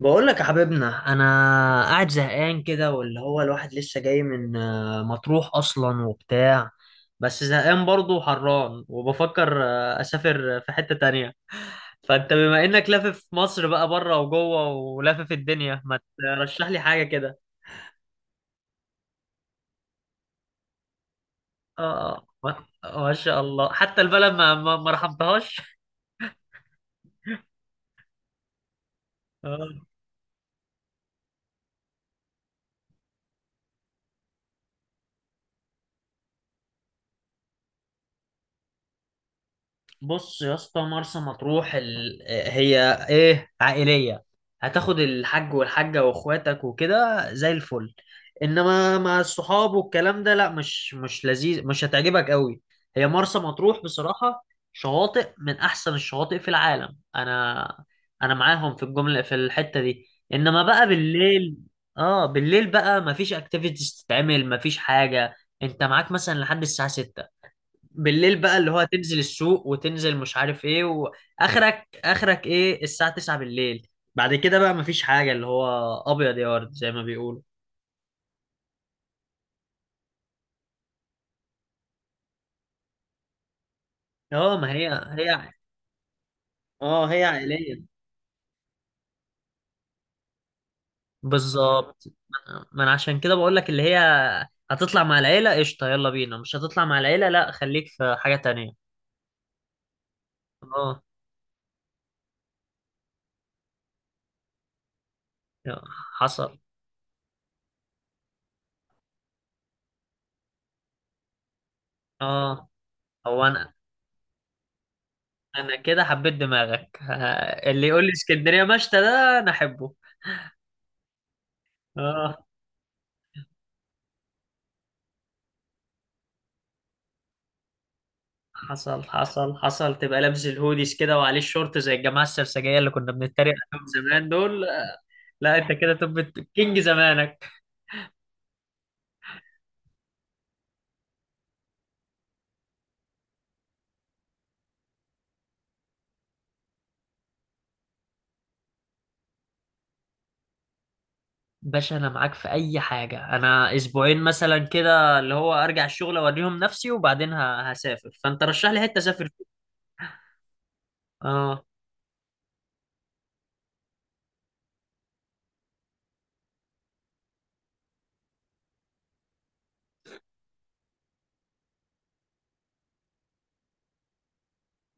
بقول لك يا حبيبنا، انا قاعد زهقان كده، واللي هو الواحد لسه جاي من مطروح اصلا وبتاع. بس زهقان برضه وحران، وبفكر اسافر في حتة تانية. فانت بما انك لافف مصر بقى بره وجوه ولافف الدنيا، ما ترشح لي حاجة كده؟ اه. ما شاء الله، حتى البلد ما رحمتهاش. بص يا اسطى، مرسى مطروح هي ايه، عائلية. هتاخد الحاج والحاجة واخواتك وكده زي الفل. انما مع الصحاب والكلام ده، لا، مش لذيذ، مش هتعجبك قوي. هي مرسى مطروح بصراحة، شواطئ من احسن الشواطئ في العالم. انا معاهم في الجملة في الحتة دي. انما بقى بالليل، اه، بالليل بقى مفيش اكتيفيتيز تتعمل، مفيش حاجة. انت معاك مثلا لحد الساعة 6، بالليل بقى، اللي هو تنزل السوق، وتنزل مش عارف ايه، واخرك اخرك ايه؟ الساعة 9 بالليل. بعد كده بقى مفيش حاجة، اللي هو ابيض يا ورد زي ما بيقولوا. اه، ما هي هي. اه، هي عائلية. بالظبط، ما انا عشان كده بقول لك، اللي هي هتطلع مع العيلة قشطة يلا بينا، مش هتطلع مع العيلة لا، خليك في حاجة تانية. اه. يا- حصل. اه. هو انا كده حبيت دماغك. اللي يقول لي اسكندرية مشتى ده انا احبه. اه، حصل حصل حصل. تبقى لابس الهوديز كده وعليه الشورت زي الجماعه السرسجيه اللي كنا بنتريق عليهم زمان دول. لا، انت كده طب كينج زمانك. باشا، انا معاك في اي حاجه. انا اسبوعين مثلا كده، اللي هو ارجع الشغل اوريهم نفسي، وبعدين هسافر. فانت رشح لي حته اسافر فيها. اه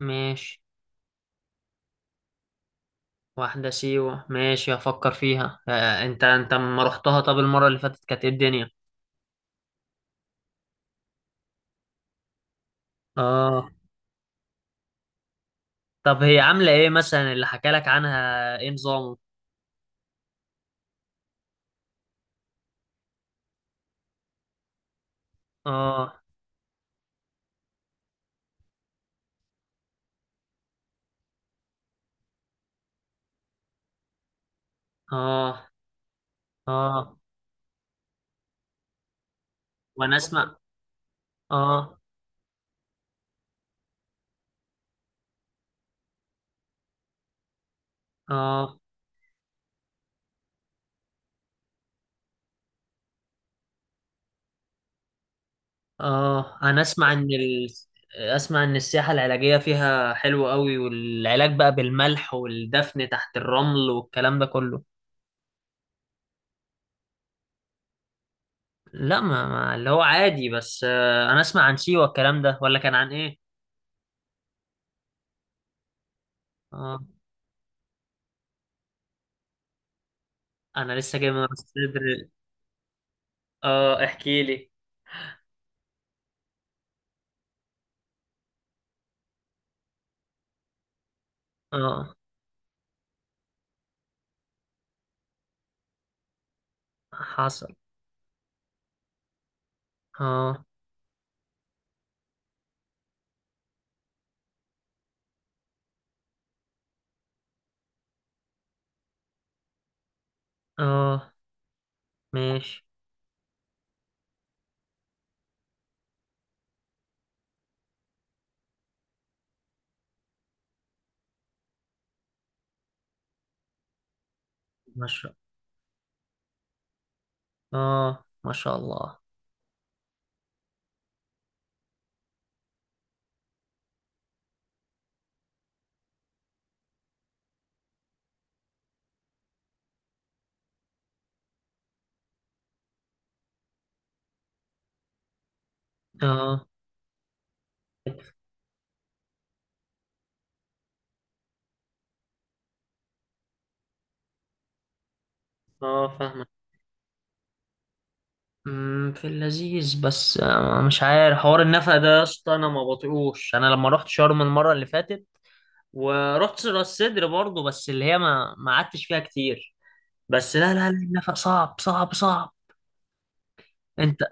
ماشي. واحده سيوه، ماشي افكر فيها. انت ما رحتها؟ طب المره اللي فاتت كانت ايه الدنيا؟ اه. طب هي عامله ايه مثلا؟ اللي حكى لك عنها، ايه نظامه؟ اه اه اه، وانا اسمع. اه اه اه، انا اسمع ان اسمع ان السياحة العلاجية فيها حلوة قوي، والعلاج بقى بالملح والدفن تحت الرمل والكلام ده كله. لا، ما, ما اللي هو عادي، بس انا اسمع عن سيوة الكلام ده، ولا كان عن ايه؟ اه، انا لسه جاي من راس سدر. اه، احكي لي. اه، حصل. اه اه، ماشي. ما شاء اه، ما شاء الله. اه اه، فاهمك. في اللذيذ، بس مش عارف حوار النفق ده يا اسطى، انا ما بطيقوش. انا لما رحت شرم المره اللي فاتت ورحت راس سدر برضه، بس اللي هي ما ما قعدتش فيها كتير. بس لا لا لا، النفق صعب صعب صعب. انت،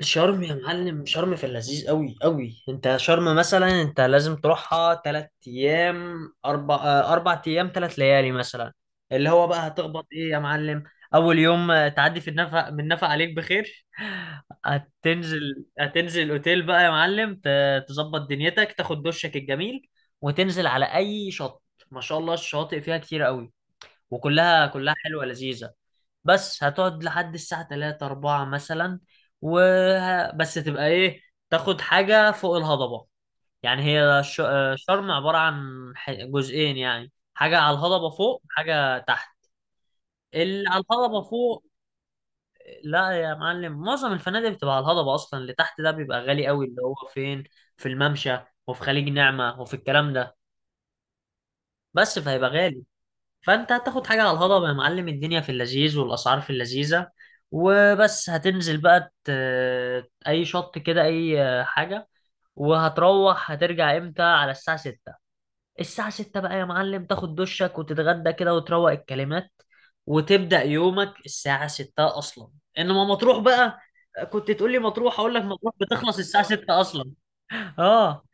شرم يا معلم، شرم في اللذيذ قوي قوي. انت شرم مثلا انت لازم تروحها تلات ايام، اربع ايام تلات ليالي مثلا. اللي هو بقى هتخبط ايه يا معلم؟ اول يوم، تعدي في النفق، من نفق عليك بخير. هتنزل الاوتيل بقى يا معلم، تظبط دنيتك، تاخد دشك الجميل، وتنزل على اي شط. ما شاء الله الشواطئ فيها كتير قوي، وكلها كلها حلوة لذيذة. بس هتقعد لحد الساعة 3 4 مثلا. بس تبقى ايه، تاخد حاجة فوق الهضبة. يعني شرم عبارة عن جزئين، يعني حاجة على الهضبة فوق وحاجة تحت. اللي على الهضبة فوق، لا يا معلم، معظم الفنادق بتبقى على الهضبة أصلا. اللي تحت ده بيبقى غالي قوي، اللي هو فين؟ في الممشى وفي خليج نعمة وفي الكلام ده. بس فهيبقى غالي. فانت هتاخد حاجه على الهضبه يا معلم، الدنيا في اللذيذ والاسعار في اللذيذه. وبس هتنزل بقى اي شط كده، اي حاجه. وهتروح هترجع امتى؟ على الساعه 6. الساعه 6 بقى يا معلم، تاخد دشك وتتغدى كده وتروق الكلمات، وتبدا يومك الساعه 6 اصلا. انما مطروح بقى، كنت تقول لي مطروح، اقول لك مطروح بتخلص الساعه 6 اصلا. اه.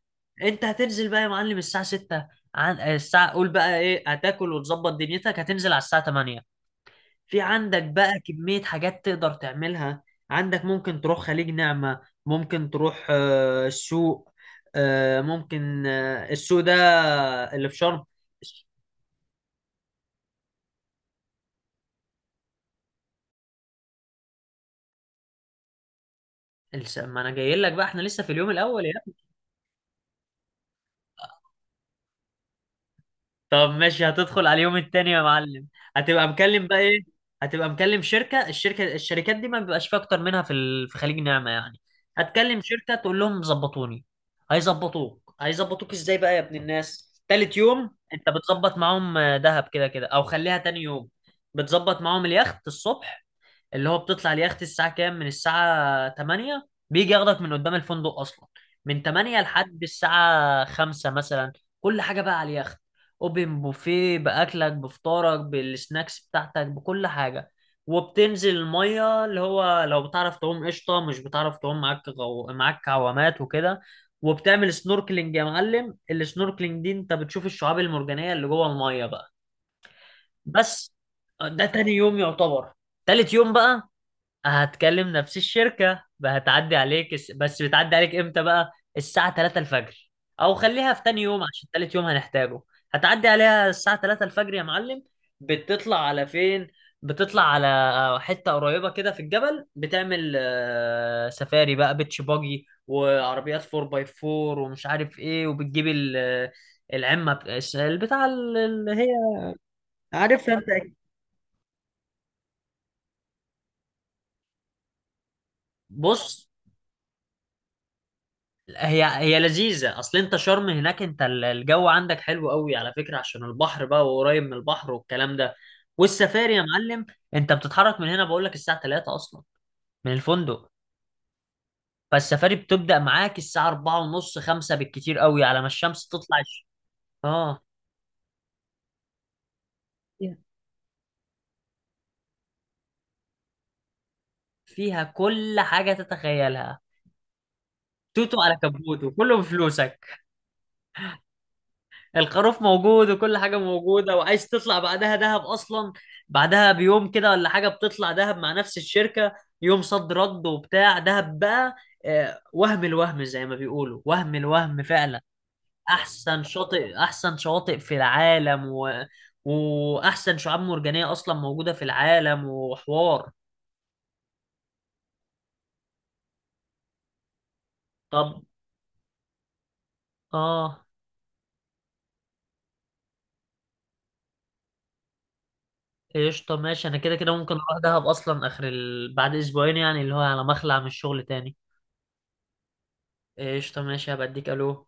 انت هتنزل بقى يا معلم الساعة 6، عن آه، الساعة قول بقى ايه، هتاكل وتظبط دنيتك، هتنزل على الساعة 8. في عندك بقى كمية حاجات تقدر تعملها. عندك ممكن تروح خليج نعمة، ممكن تروح السوق، ممكن السوق ده اللي في شرم. ما انا جاي لك بقى، احنا لسه في اليوم الاول. طب ماشي، هتدخل على اليوم التاني يا معلم. هتبقى مكلم بقى ايه؟ هتبقى مكلم شركة، الشركات دي ما بيبقاش فيها اكتر منها في في خليج نعمة يعني. هتكلم شركة تقول لهم ظبطوني. هيظبطوك ازاي بقى يا ابن الناس؟ تالت يوم انت بتظبط معاهم دهب، كده كده، او خليها تاني يوم. بتظبط معاهم اليخت الصبح، اللي هو بتطلع اليخت الساعة كام؟ من الساعة 8 بيجي ياخدك من قدام الفندق أصلا، من 8 لحد الساعة 5 مثلا. كل حاجة بقى على اليخت: أوبن بوفيه، بأكلك، بفطارك، بالسناكس بتاعتك، بكل حاجة. وبتنزل المية، اللي هو لو بتعرف تعوم قشطة، مش بتعرف تعوم معاك معاك عوامات وكده. وبتعمل سنوركلينج يا معلم، السنوركلينج دي انت بتشوف الشعاب المرجانية اللي جوه المية بقى. بس ده تاني يوم يعتبر. تالت يوم بقى هتكلم نفس الشركة، هتعدي عليك بس بتعدي عليك امتى بقى؟ الساعة 3 الفجر، او خليها في تاني يوم عشان تالت يوم هنحتاجه. هتعدي عليها الساعة 3 الفجر يا معلم. بتطلع على فين؟ بتطلع على حتة قريبة كده في الجبل، بتعمل سفاري بقى، بيتش باجي وعربيات 4 باي 4 ومش عارف ايه، وبتجيب العمة البتاع اللي هي عارفها انت. بص، هي هي لذيذة اصل. انت شرم هناك انت، الجو عندك حلو قوي على فكرة، عشان البحر بقى وقريب من البحر والكلام ده. والسفاري يا معلم، انت بتتحرك من هنا بقول لك الساعة 3 اصلا، من الفندق. فالسفاري بتبدأ معاك الساعة 4 ونص 5 بالكتير قوي، على ما الشمس تطلع اه، فيها كل حاجة تتخيلها. توتو على كبوت، وكله بفلوسك. الخروف موجود وكل حاجة موجودة، وعايز تطلع بعدها دهب أصلا. بعدها بيوم كده ولا حاجة بتطلع دهب مع نفس الشركة. يوم صد رد وبتاع دهب بقى. وهم الوهم زي ما بيقولوا، وهم الوهم فعلا. أحسن شاطئ، أحسن شواطئ في العالم وأحسن شعاب مرجانية أصلا موجودة في العالم، وحوار. طب آه، قشطة ماشي. أنا كده كده ممكن أروح دهب أصلا آخر بعد أسبوعين يعني، اللي هو على مخلع من الشغل تاني. قشطة ماشي، هبقى أديك. ألو.